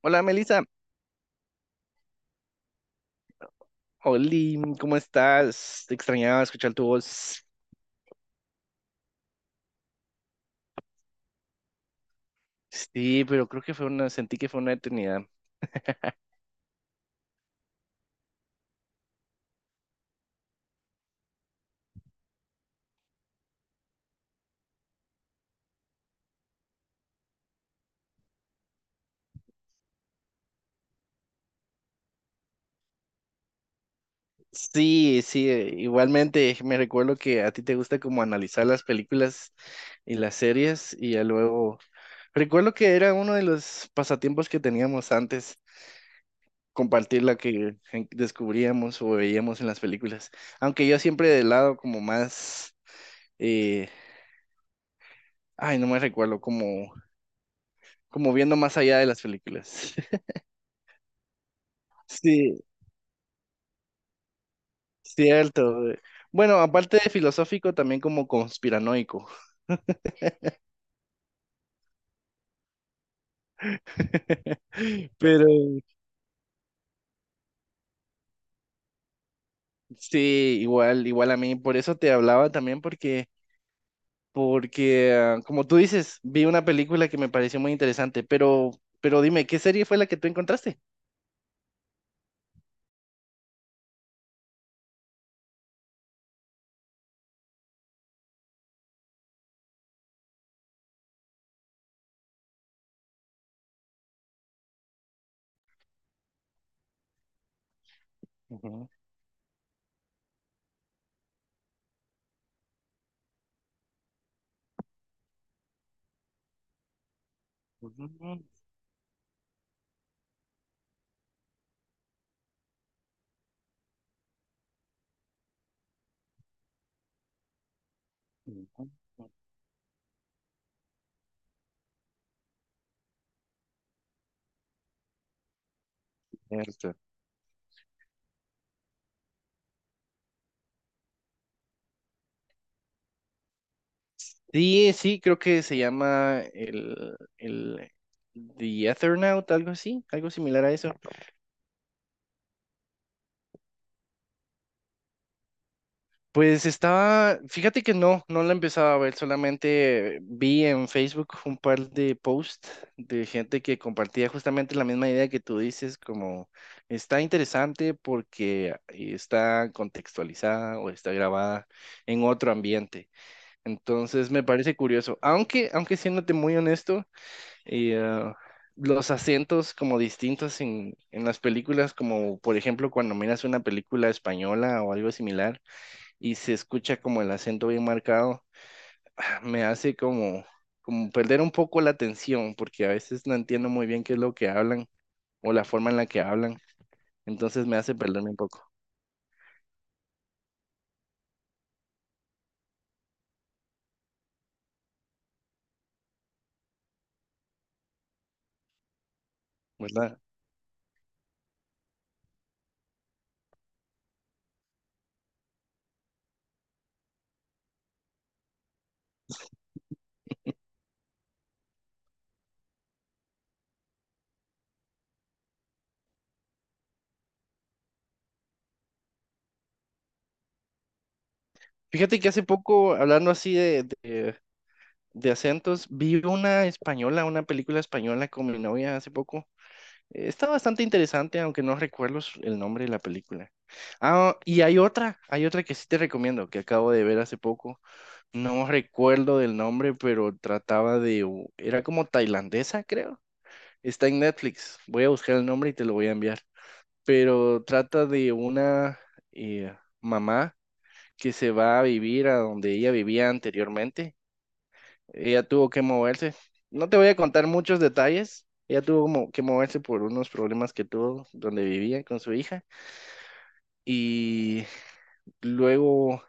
Hola Melissa, Oli, ¿cómo estás? Te extrañaba escuchar tu voz. Sí, pero creo que fue una, sentí que fue una eternidad. Sí, sí, igualmente me recuerdo que a ti te gusta como analizar las películas y las series y ya luego recuerdo que era uno de los pasatiempos que teníamos antes, compartir la que descubríamos o veíamos en las películas, aunque yo siempre del lado como más, eh, ay, no me recuerdo, como, como viendo más allá de las películas. Sí, cierto. Güey, bueno, aparte de filosófico, también como conspiranoico. Pero sí, igual, igual a mí, por eso te hablaba también, porque, como tú dices, vi una película que me pareció muy interesante, pero dime, ¿qué serie fue la que tú encontraste? Ujú. Ujú. Cierto. Sí, sí, creo que se llama el The Ethernaut, algo así, algo similar a eso. Pues estaba, fíjate que no, no la empezaba a ver, solamente vi en Facebook un par de posts de gente que compartía justamente la misma idea que tú dices, como está interesante porque está contextualizada o está grabada en otro ambiente. Entonces me parece curioso, aunque, aunque siéndote muy honesto, eh, ah, los acentos como distintos en las películas, como por ejemplo cuando miras una película española o algo similar y se escucha como el acento bien marcado, ah, me hace como, como perder un poco la atención, porque a veces no entiendo muy bien qué es lo que hablan o la forma en la que hablan, entonces me hace perderme un poco, ¿verdad? Fíjate que hace poco, hablando así de acentos, vi una española, una película española con mi novia hace poco. Está bastante interesante, aunque no recuerdo el nombre de la película. Ah, y hay otra que sí te recomiendo, que acabo de ver hace poco. No recuerdo del nombre, pero trataba de... Era como tailandesa, creo. Está en Netflix. Voy a buscar el nombre y te lo voy a enviar. Pero trata de una eh, mamá que se va a vivir a donde ella vivía anteriormente. Ella tuvo que moverse. No te voy a contar muchos detalles. Ella tuvo como que moverse por unos problemas que tuvo donde vivía con su hija. Y luego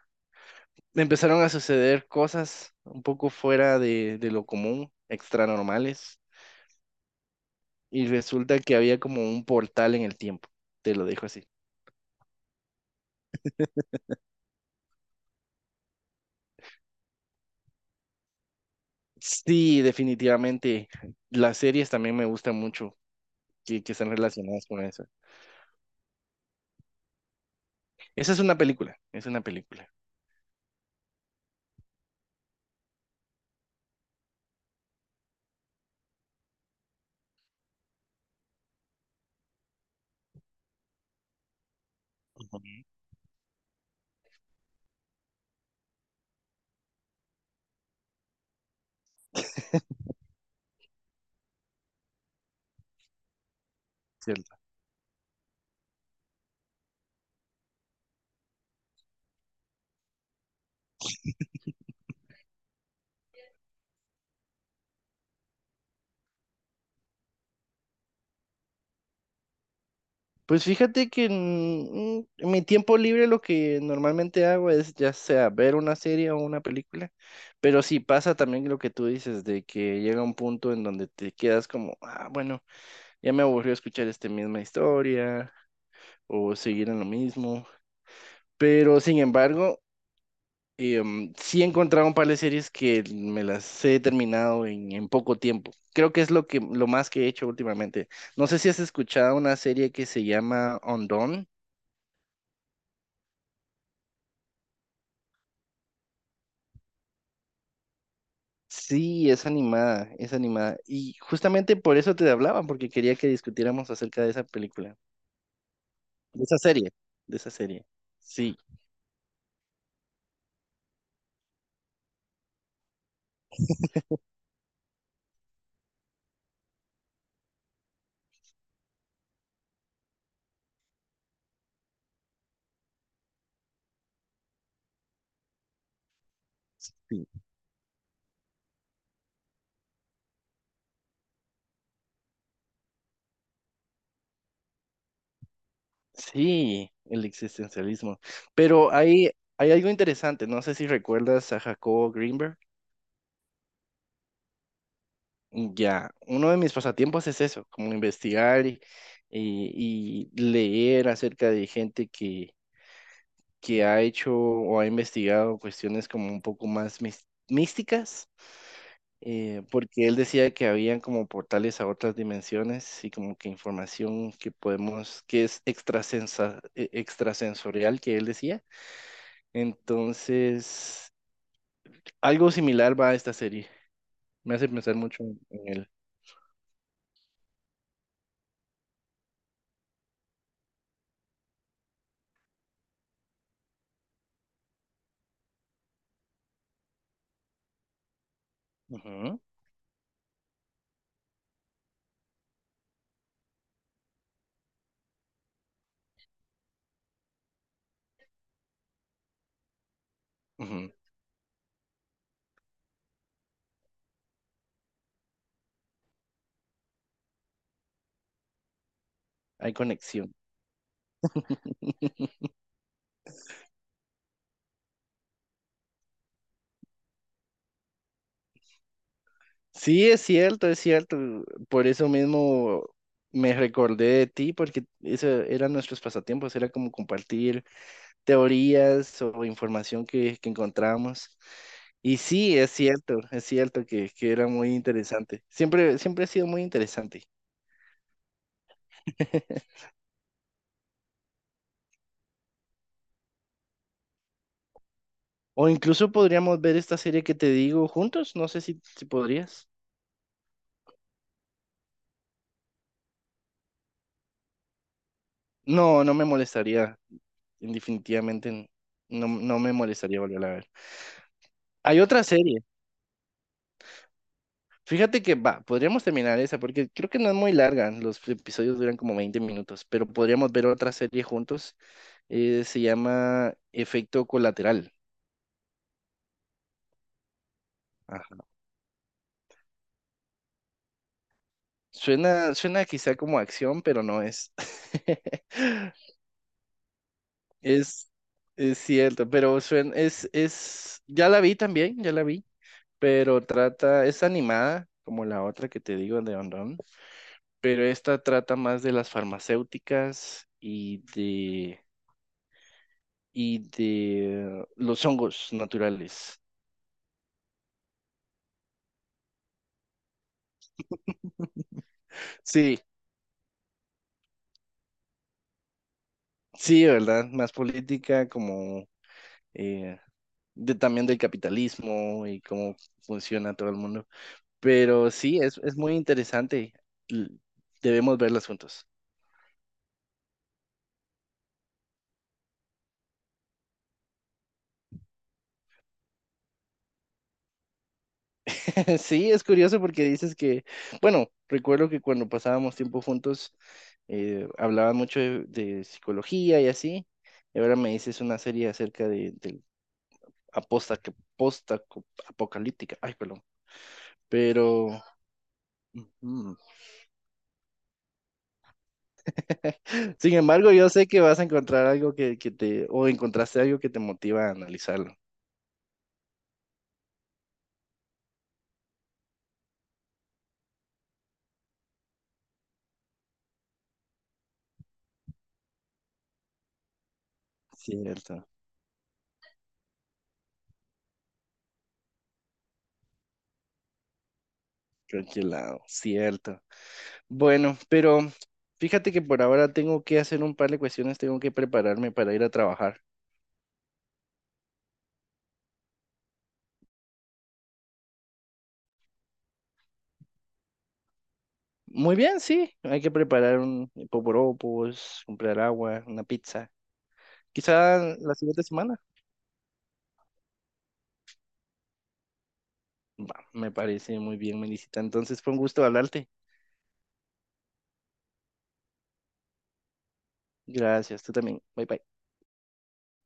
me empezaron a suceder cosas un poco fuera de lo común, extra normales, y resulta que había como un portal en el tiempo, te lo dejo así. Sí, definitivamente, las series también me gustan mucho que están relacionadas con eso. Esa es una película, es una película. Ujú. ¿Cierto? Pues fíjate que en mi tiempo libre lo que normalmente hago es ya sea ver una serie o una película, pero sí pasa también lo que tú dices, de que llega un punto en donde te quedas como, ah, bueno, ya me aburrió escuchar esta misma historia o seguir en lo mismo, pero sin embargo, sí he encontrado un par de series que me las he terminado en poco tiempo. Creo que es lo que, lo más que he hecho últimamente. No sé si has escuchado una serie que se llama Undone. Sí, es animada, es animada. Y justamente por eso te hablaba, porque quería que discutiéramos acerca de esa película, de esa serie, de esa serie. Sí, sí, sí, el existencialismo. Pero hay algo interesante, no sé si recuerdas a Jacobo Greenberg. Ya, uno de mis pasatiempos es eso, como investigar y, y leer acerca de gente que ha hecho o ha investigado cuestiones como un poco más místicas, porque él decía que habían como portales a otras dimensiones y como que información que podemos, que es extrasensorial, que él decía. Entonces, algo similar va a esta serie. Me hace pensar mucho en él. Ujú, ujú. Hay conexión. Sí, es cierto, es cierto. Por eso mismo me recordé de ti, porque eso eran nuestros pasatiempos, era como compartir teorías o información que encontramos. Y sí, es cierto que era muy interesante. Siempre, siempre ha sido muy interesante. O incluso podríamos ver esta serie que te digo juntos, no sé si, si podrías. No, no me molestaría, definitivamente no, no me molestaría volver a ver. Hay otra serie. Fíjate que va, podríamos terminar esa porque creo que no es muy larga. Los episodios duran como 20 minutos, pero podríamos ver otra serie juntos. Eh, se llama Efecto Colateral. Ajá. Suena, suena quizá como acción, pero no es. Es, es cierto, pero suena, ya la vi también, ya la vi, pero trata, es animada, como la otra que te digo de Ondón, pero esta trata más de las farmacéuticas y de los hongos naturales. Sí, sí, ¿verdad? Más política como eh, de, también del capitalismo y cómo funciona todo el mundo. Pero sí, es muy interesante. L- Debemos verlas juntos. Sí, es curioso porque dices que, bueno, recuerdo que cuando pasábamos tiempo juntos hablaban mucho de psicología y así, y ahora me dices una serie acerca de, del apocalíptica. Ay, perdón. Pero, ujú. Sin embargo, yo sé que vas a encontrar algo que te, o encontraste algo que te motiva a analizarlo. Cierto, creo que lado, cierto. Bueno, pero fíjate que por ahora tengo que hacer un par de cuestiones, tengo que prepararme para ir a trabajar. Muy bien, sí, hay que preparar un poporopos, comprar agua, una pizza. Quizá la siguiente semana. Va, me parece muy bien, Melisita. Entonces fue un gusto hablarte. Gracias, tú también. Bye bye.